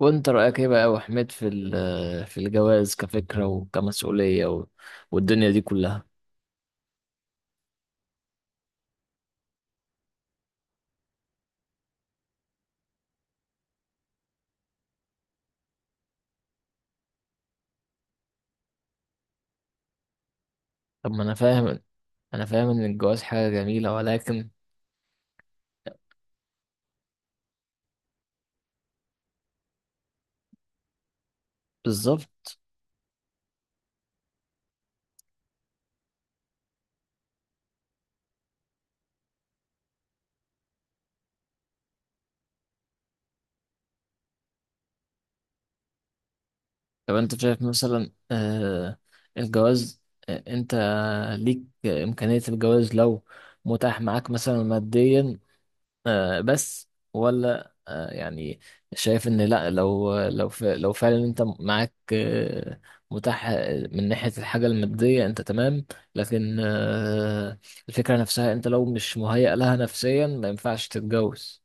وانت رأيك ايه بقى يا أبو حميد في في الجواز كفكرة وكمسؤولية والدنيا دي كلها؟ طب، ما انا فاهم ان الجواز حاجة جميلة، ولكن. بالظبط. طب، انت شايف مثلا الجواز، انت ليك امكانية الجواز لو متاح معاك مثلا ماديا بس، ولا يعني شايف ان لا؟ لو فعلا انت معاك متاح من ناحية الحاجة المادية انت تمام، لكن الفكرة نفسها، انت لو مش مهيأ لها نفسيا ما ينفعش تتجوز.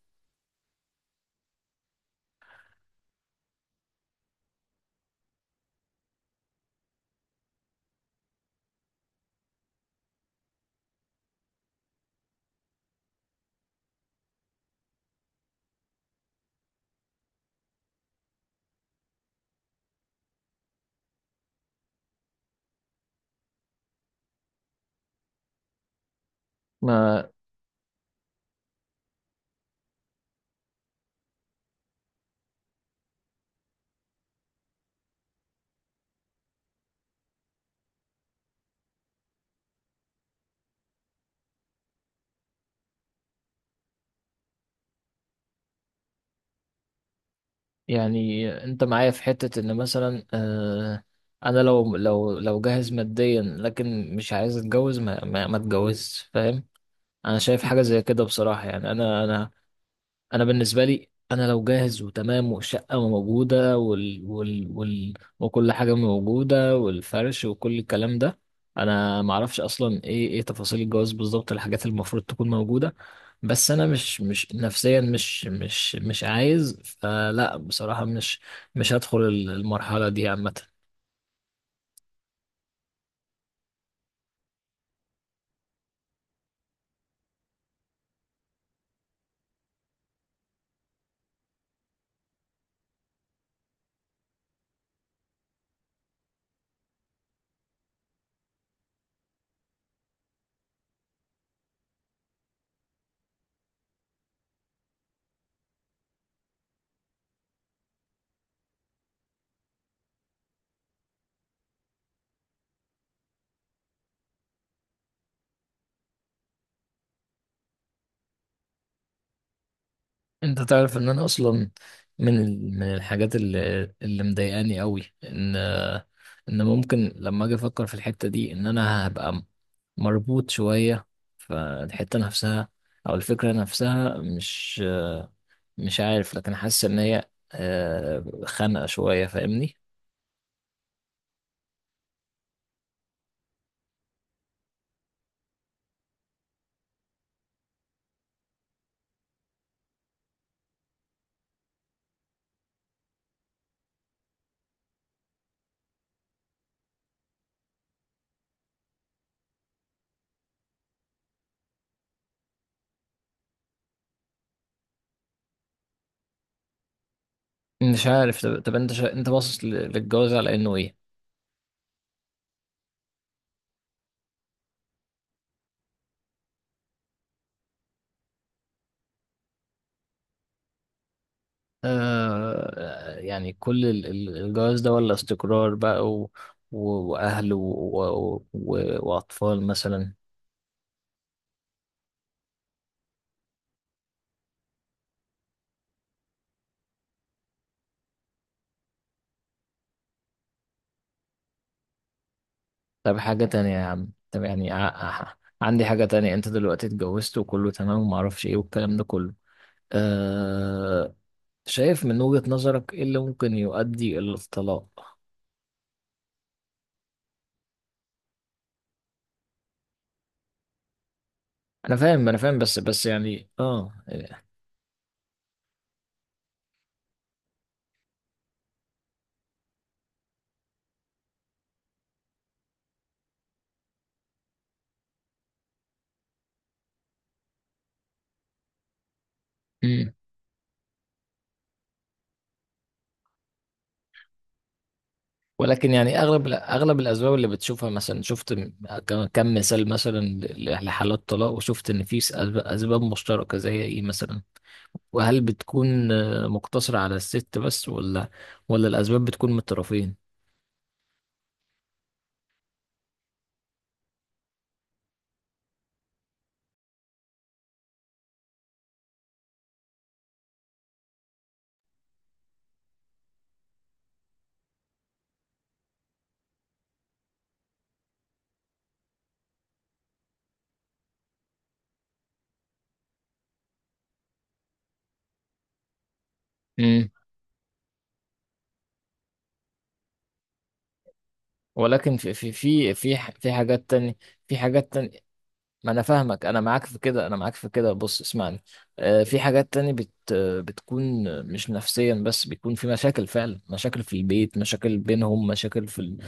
ما يعني انت معايا في حتة ان مثلا انا لو جاهز ماديا، لكن مش عايز اتجوز، ما اتجوزش، فاهم؟ انا شايف حاجة زي كده بصراحة، يعني انا بالنسبه لي، انا لو جاهز وتمام والشقه موجوده وكل حاجه موجوده والفرش وكل الكلام ده، انا ما اعرفش اصلا ايه تفاصيل الجواز بالظبط، الحاجات اللي المفروض تكون موجوده، بس انا مش نفسيا مش عايز، فلا بصراحه مش هدخل المرحله دي عامه. انت تعرف ان انا اصلا من الحاجات اللي مضايقاني قوي، ان ان ممكن لما اجي افكر في الحتة دي ان انا هبقى مربوط شوية، فالحتة نفسها او الفكرة نفسها، مش عارف، لكن حاسس ان هي خانقة شوية، فاهمني؟ مش عارف. طب، انت باصص للجواز على انه ايه؟ يعني كل الجواز ده، ولا استقرار بقى و... وأهل وأطفال مثلا؟ طب، حاجة تانية يا عم، طب يعني ع- عندي حاجة تانية. أنت دلوقتي اتجوزت وكله تمام ومعرفش إيه والكلام ده كله، أه... شايف من وجهة نظرك إيه اللي ممكن يؤدي إلى الطلاق؟ أنا فاهم أنا فاهم، بس يعني ولكن يعني اغلب الاسباب اللي بتشوفها، مثلا شفت كم مثال مثلا لحالات طلاق، وشفت ان في أسباب مشتركه، زي ايه مثلا؟ وهل بتكون مقتصره على الست بس، ولا الاسباب بتكون من الطرفين؟ امم. ولكن في حاجات تانية في حاجات تانية ما انا فاهمك، انا معاك في كده، بص اسمعني. في حاجات تانية بت آه، بتكون مش نفسيا بس، بيكون في مشاكل فعلا، مشاكل في البيت، مشاكل بينهم، مشاكل في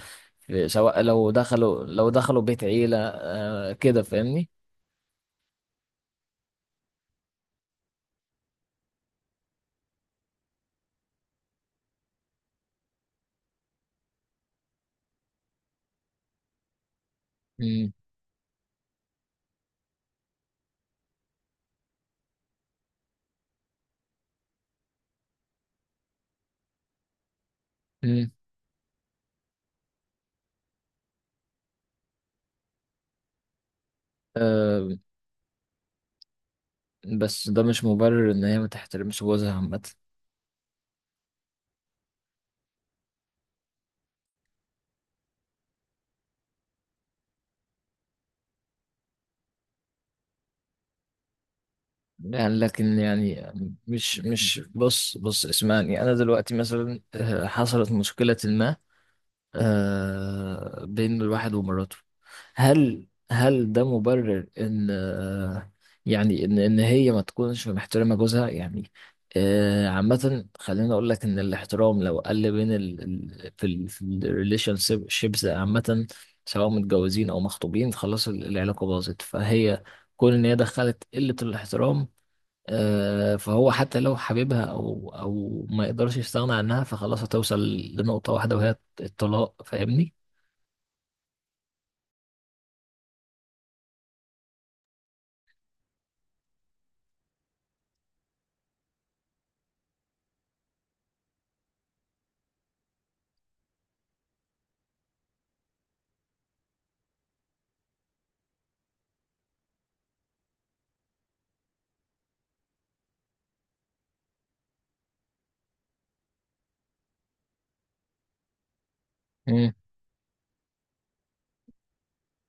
ال... سواء لو دخلوا بيت عيلة، آه كده، فاهمني؟ مم. مم. آه، بس ده مش مبرر ان هي ما تحترمش جوزها عامة. يعني لكن يعني مش بص بص اسمعني. انا دلوقتي مثلا حصلت مشكلة ما آه بين الواحد ومراته، هل ده مبرر ان يعني ان هي ما تكونش محترمه جوزها يعني؟ عامه، خليني اقول لك ان الاحترام لو قل بين ال ال- في ال في الريليشن شيبس عامه، سواء متجوزين او مخطوبين، خلاص العلاقه باظت، فهي كون ان هي دخلت قله الاحترام، فهو حتى لو حبيبها او ما يقدرش يستغنى عنها، فخلاص هتوصل لنقطه واحده وهي الطلاق، فاهمني؟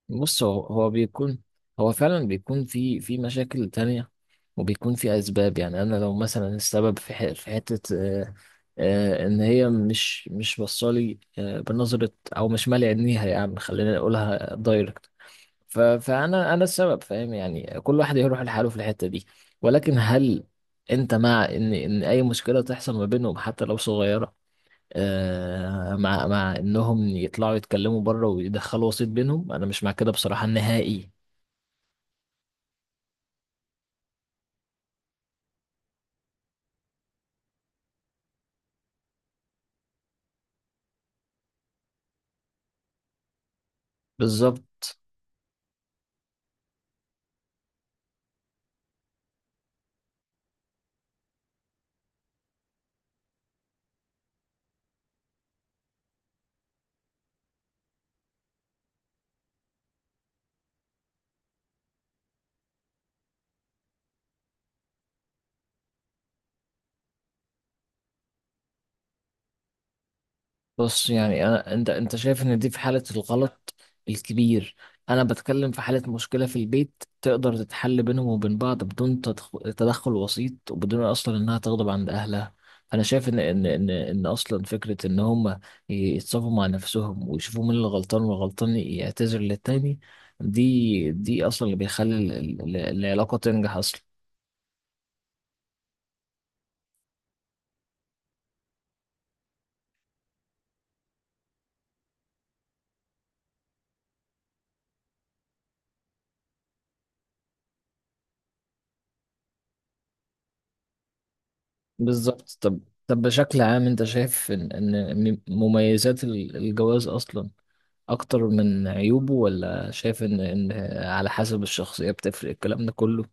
بص، هو بيكون، هو فعلا بيكون في مشاكل تانية، وبيكون في أسباب، يعني أنا لو مثلا السبب في في حتة إن هي مش بصالي بنظرة، أو مش مالي عينيها، يعني خلينا نقولها دايركت، فأنا السبب، فاهم؟ يعني كل واحد يروح لحاله في الحتة دي. ولكن هل أنت مع إن أي مشكلة تحصل ما بينهم حتى لو صغيرة مع انهم يطلعوا يتكلموا بره ويدخلوا وسيط بينهم؟ انا مش مع كده بصراحة نهائي. بالظبط. بص، يعني أنا، أنت شايف إن دي في حالة الغلط الكبير. أنا بتكلم في حالة مشكلة في البيت تقدر تتحل بينهم وبين بعض بدون تدخل وسيط، وبدون أصلا إنها تغضب عند أهلها. أنا شايف إن أصلا فكرة إن هما يتصافوا مع نفسهم ويشوفوا مين اللي غلطان، والغلطان يعتذر للتاني، دي أصلا اللي بيخلي العلاقة تنجح أصلا. بالظبط. طب بشكل عام، انت شايف ان مميزات الجواز اصلا اكتر من عيوبه، ولا شايف ان على حسب الشخصية بتفرق، الكلام ده كله؟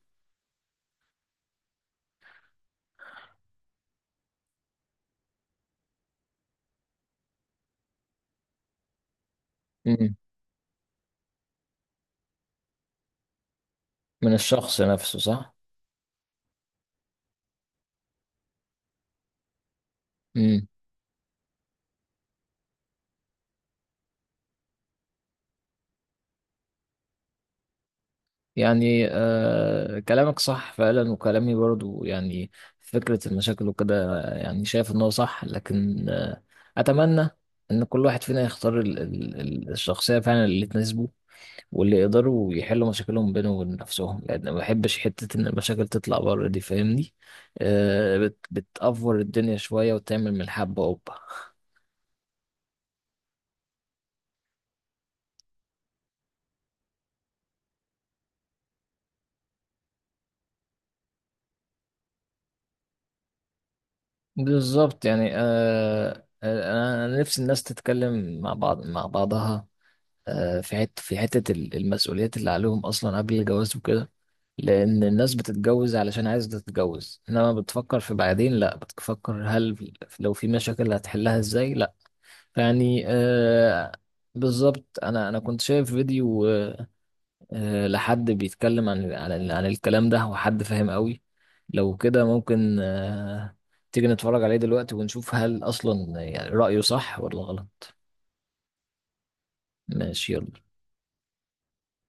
مم. من الشخص نفسه، صح. مم. يعني آه، كلامك صح فعلا، وكلامي برضو، يعني فكرة المشاكل وكده، يعني شايف ان هو صح، لكن اتمنى ان كل واحد فينا يختار الشخصية فعلا اللي تناسبه، واللي يقدروا يحلوا مشاكلهم بينهم وبين نفسهم، لان ما بحبش حته ان المشاكل تطلع بره دي، فاهمني؟ آه، بتأفور الدنيا شويه وتعمل من الحبه قبه. بالظبط، يعني انا نفسي الناس تتكلم مع بعض، مع بعضها في في حته المسؤوليات اللي عليهم اصلا قبل الجواز وكده، لان الناس بتتجوز علشان عايزه تتجوز، انما بتفكر في بعدين، لا بتفكر هل لو في مشاكل هتحلها ازاي؟ يعني آه. بالظبط، انا كنت شايف فيديو لحد بيتكلم عن الكلام ده، وحد فاهم قوي، لو كده ممكن تيجي نتفرج عليه دلوقتي ونشوف هل اصلا يعني رأيه صح ولا غلط. ماشي، يلا.